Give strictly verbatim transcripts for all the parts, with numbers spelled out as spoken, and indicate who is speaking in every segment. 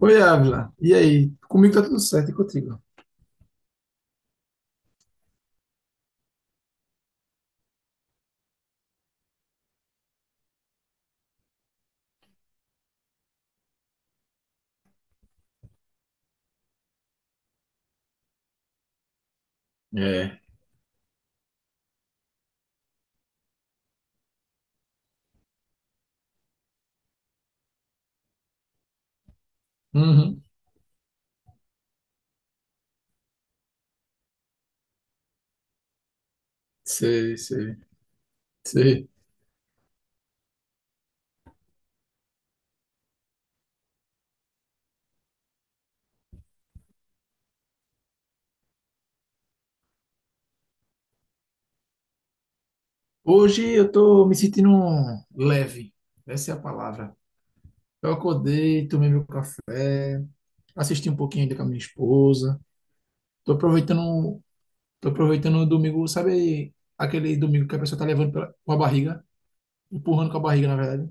Speaker 1: Oi, Ávila. E aí? Comigo tá tudo certo e contigo? É, Uhum. Sei, sei, sei. Hoje eu tô me sentindo leve. Essa é a palavra. Eu acordei, tomei meu café, assisti um pouquinho ainda com a minha esposa. Tô aproveitando, tô aproveitando o domingo, sabe aquele domingo que a pessoa tá levando pela, com a barriga, empurrando com a barriga, na verdade.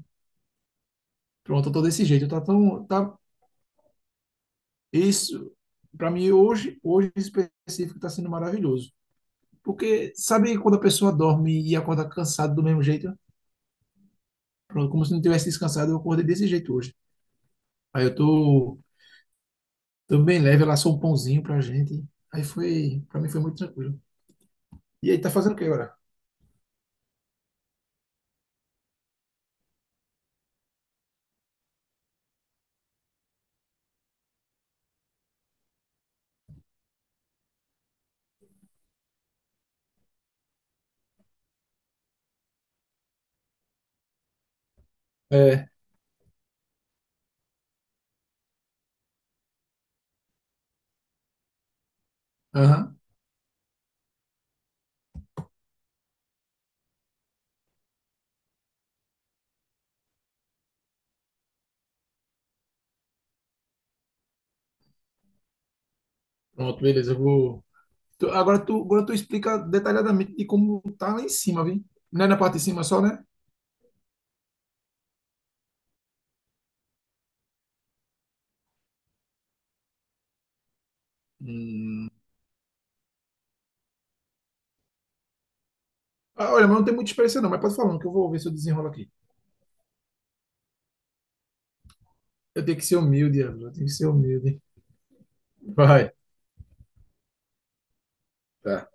Speaker 1: Pronto, eu tô desse jeito. Tá tão, tá isso. Pra mim hoje, hoje em específico tá sendo maravilhoso. Porque sabe quando a pessoa dorme e acorda cansado do mesmo jeito? Pronto, como se não tivesse descansado, eu acordei desse jeito hoje. Aí eu tô, tô bem leve, ela assou um pãozinho pra gente. Aí foi, pra mim foi muito tranquilo. E aí, tá fazendo o que agora? É, aham. Pronto, beleza, eu vou. Tu- agora tu, agora tu explica detalhadamente de como tá lá em cima, viu? Não é na parte de cima só, né? Hum. Ah, olha, mas não tem muita experiência não, mas pode falar, que eu vou ver se eu desenrolo aqui. Eu tenho que ser humilde, Ávila, eu tenho que ser humilde. Vai. Tá.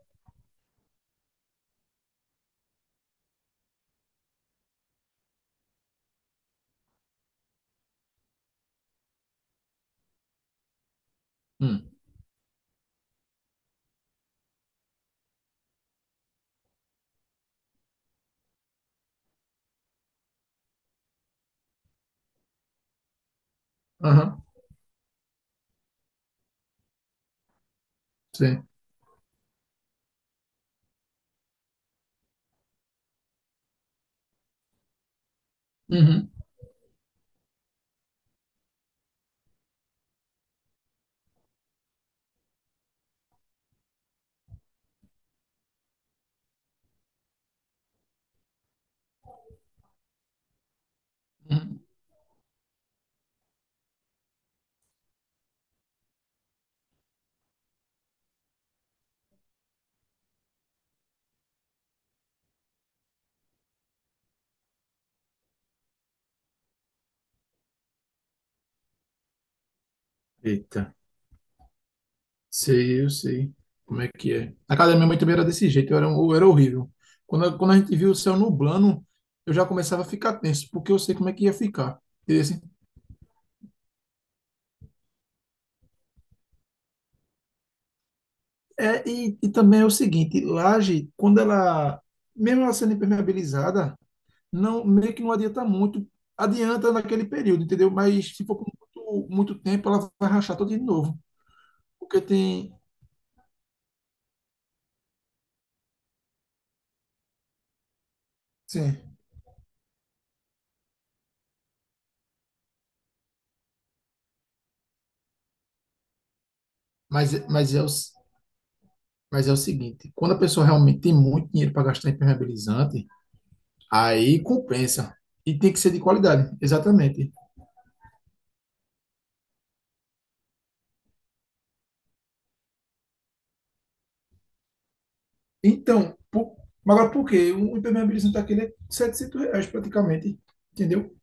Speaker 1: Hum. Aham, sim. Uhum. Uhum. Eita, sei, eu sei como é que é. Na casa da minha mãe também era desse jeito, eu era, eu era horrível. Quando, a- quando a gente viu o céu nublando, eu já começava a ficar tenso, porque eu sei como é que ia ficar. E, assim, é, e, e também é o seguinte, laje, quando ela, mesmo ela sendo impermeabilizada, não, meio que não adianta muito, adianta naquele período, entendeu? Mas se for por muito, muito tempo, ela vai rachar toda de novo, porque tem... Sim. Mas, mas é o, mas é o seguinte, quando a pessoa realmente tem muito dinheiro para gastar em impermeabilizante, aí compensa. E tem que ser de qualidade, exatamente. Então, por- mas agora por quê? Um impermeabilizante daquele é R$ reais praticamente, entendeu?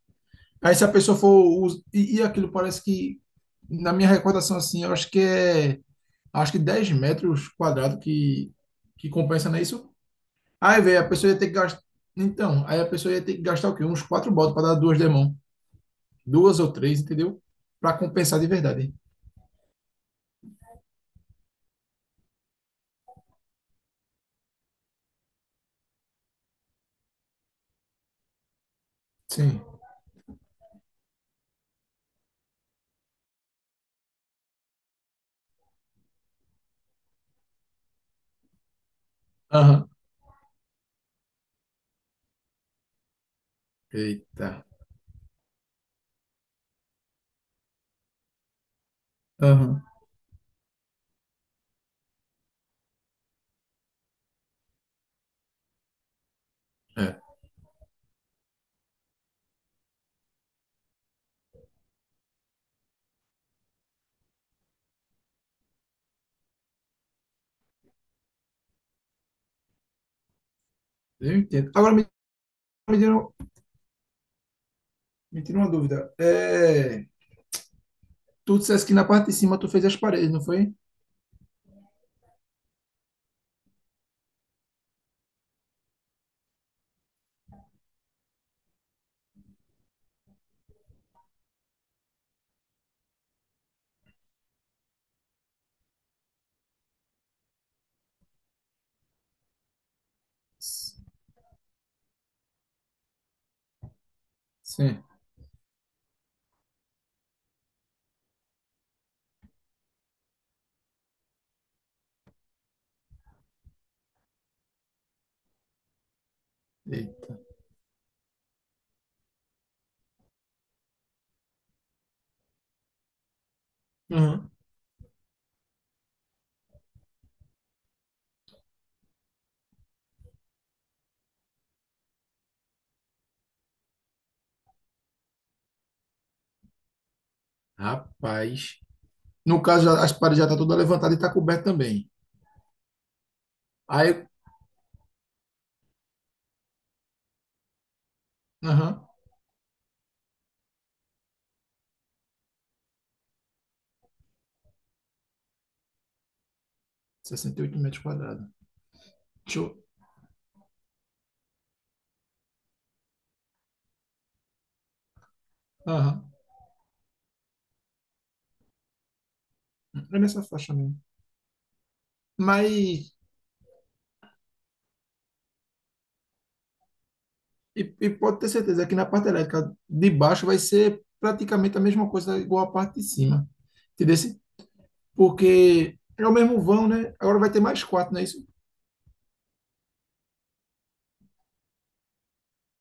Speaker 1: Aí se a pessoa for... us- E, e aquilo parece que, na minha recordação, assim, eu acho que é... Acho que dez metros quadrados que, que compensa, não é isso? Aí, velho, a pessoa ia ter que gastar... Então, aí a pessoa ia ter que gastar o quê? Uns quatro botas para dar duas demãos. Duas ou três, entendeu? Para compensar de verdade. Sim. Aham. Eita. Aham. É, eu entendo. Agora me, me tira, me tira uma dúvida. É, tu disseste que na parte de cima tu fez as paredes, não foi? S- Sim. Eita. Aham. Rapaz. No caso, já- as paredes já estão toda levantada e está coberto também. Aí, aham, sessenta e oito metros quadrados. Deixa eu, aham, é nessa faixa mesmo. Mas, e, e pode ter certeza que na parte elétrica de baixo vai ser praticamente a mesma coisa, igual a parte de cima. Entendeu? Porque é o mesmo vão, né? Agora vai ter mais quatro, não é isso?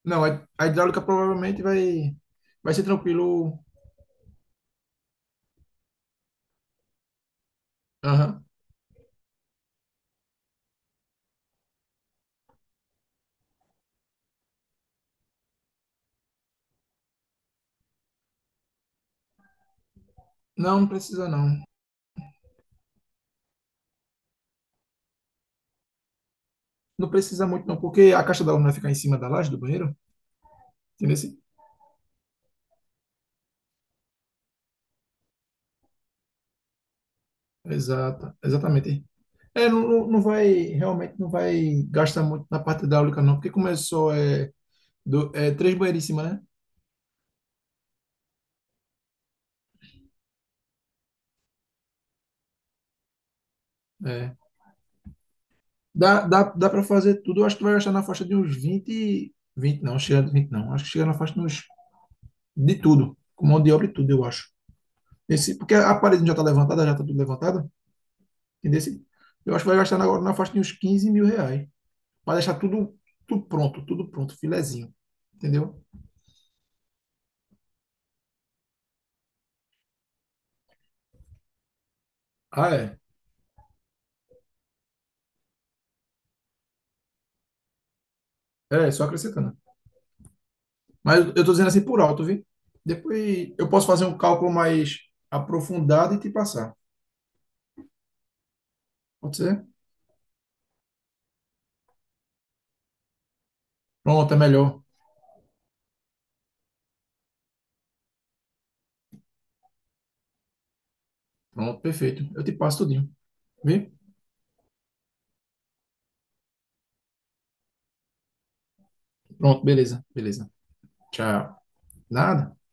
Speaker 1: Não, a a hidráulica provavelmente vai, vai ser tranquilo. Aham. Não, não precisa não. Não precisa muito não, porque a caixa d'água não vai ficar em cima da laje do banheiro, entendeu? Exato, exatamente. É, não, não não vai, realmente não vai gastar muito na parte hidráulica, não, porque começou é, do, é, três banheiras em cima, né? É. Dá, dá, dá para fazer tudo, eu acho que vai gastar na faixa de uns vinte vinte não, chega de vinte não, acho que chega na faixa de uns, de tudo, com mão de obra e tudo, eu acho. Esse, porque a parede já está levantada, já está tudo levantada, entendeu? Eu acho que vai gastar agora na faixa de uns quinze mil reais, para deixar tudo, tudo pronto, tudo pronto, filezinho, entendeu? Ah, é, é, só acrescentando. Mas eu estou dizendo assim por alto, viu? Depois eu posso fazer um cálculo mais aprofundado e te passar. Pode ser? Pronto, é melhor. Pronto, perfeito. Eu te passo tudinho, viu? Pronto, beleza, beleza. Tchau. Nada.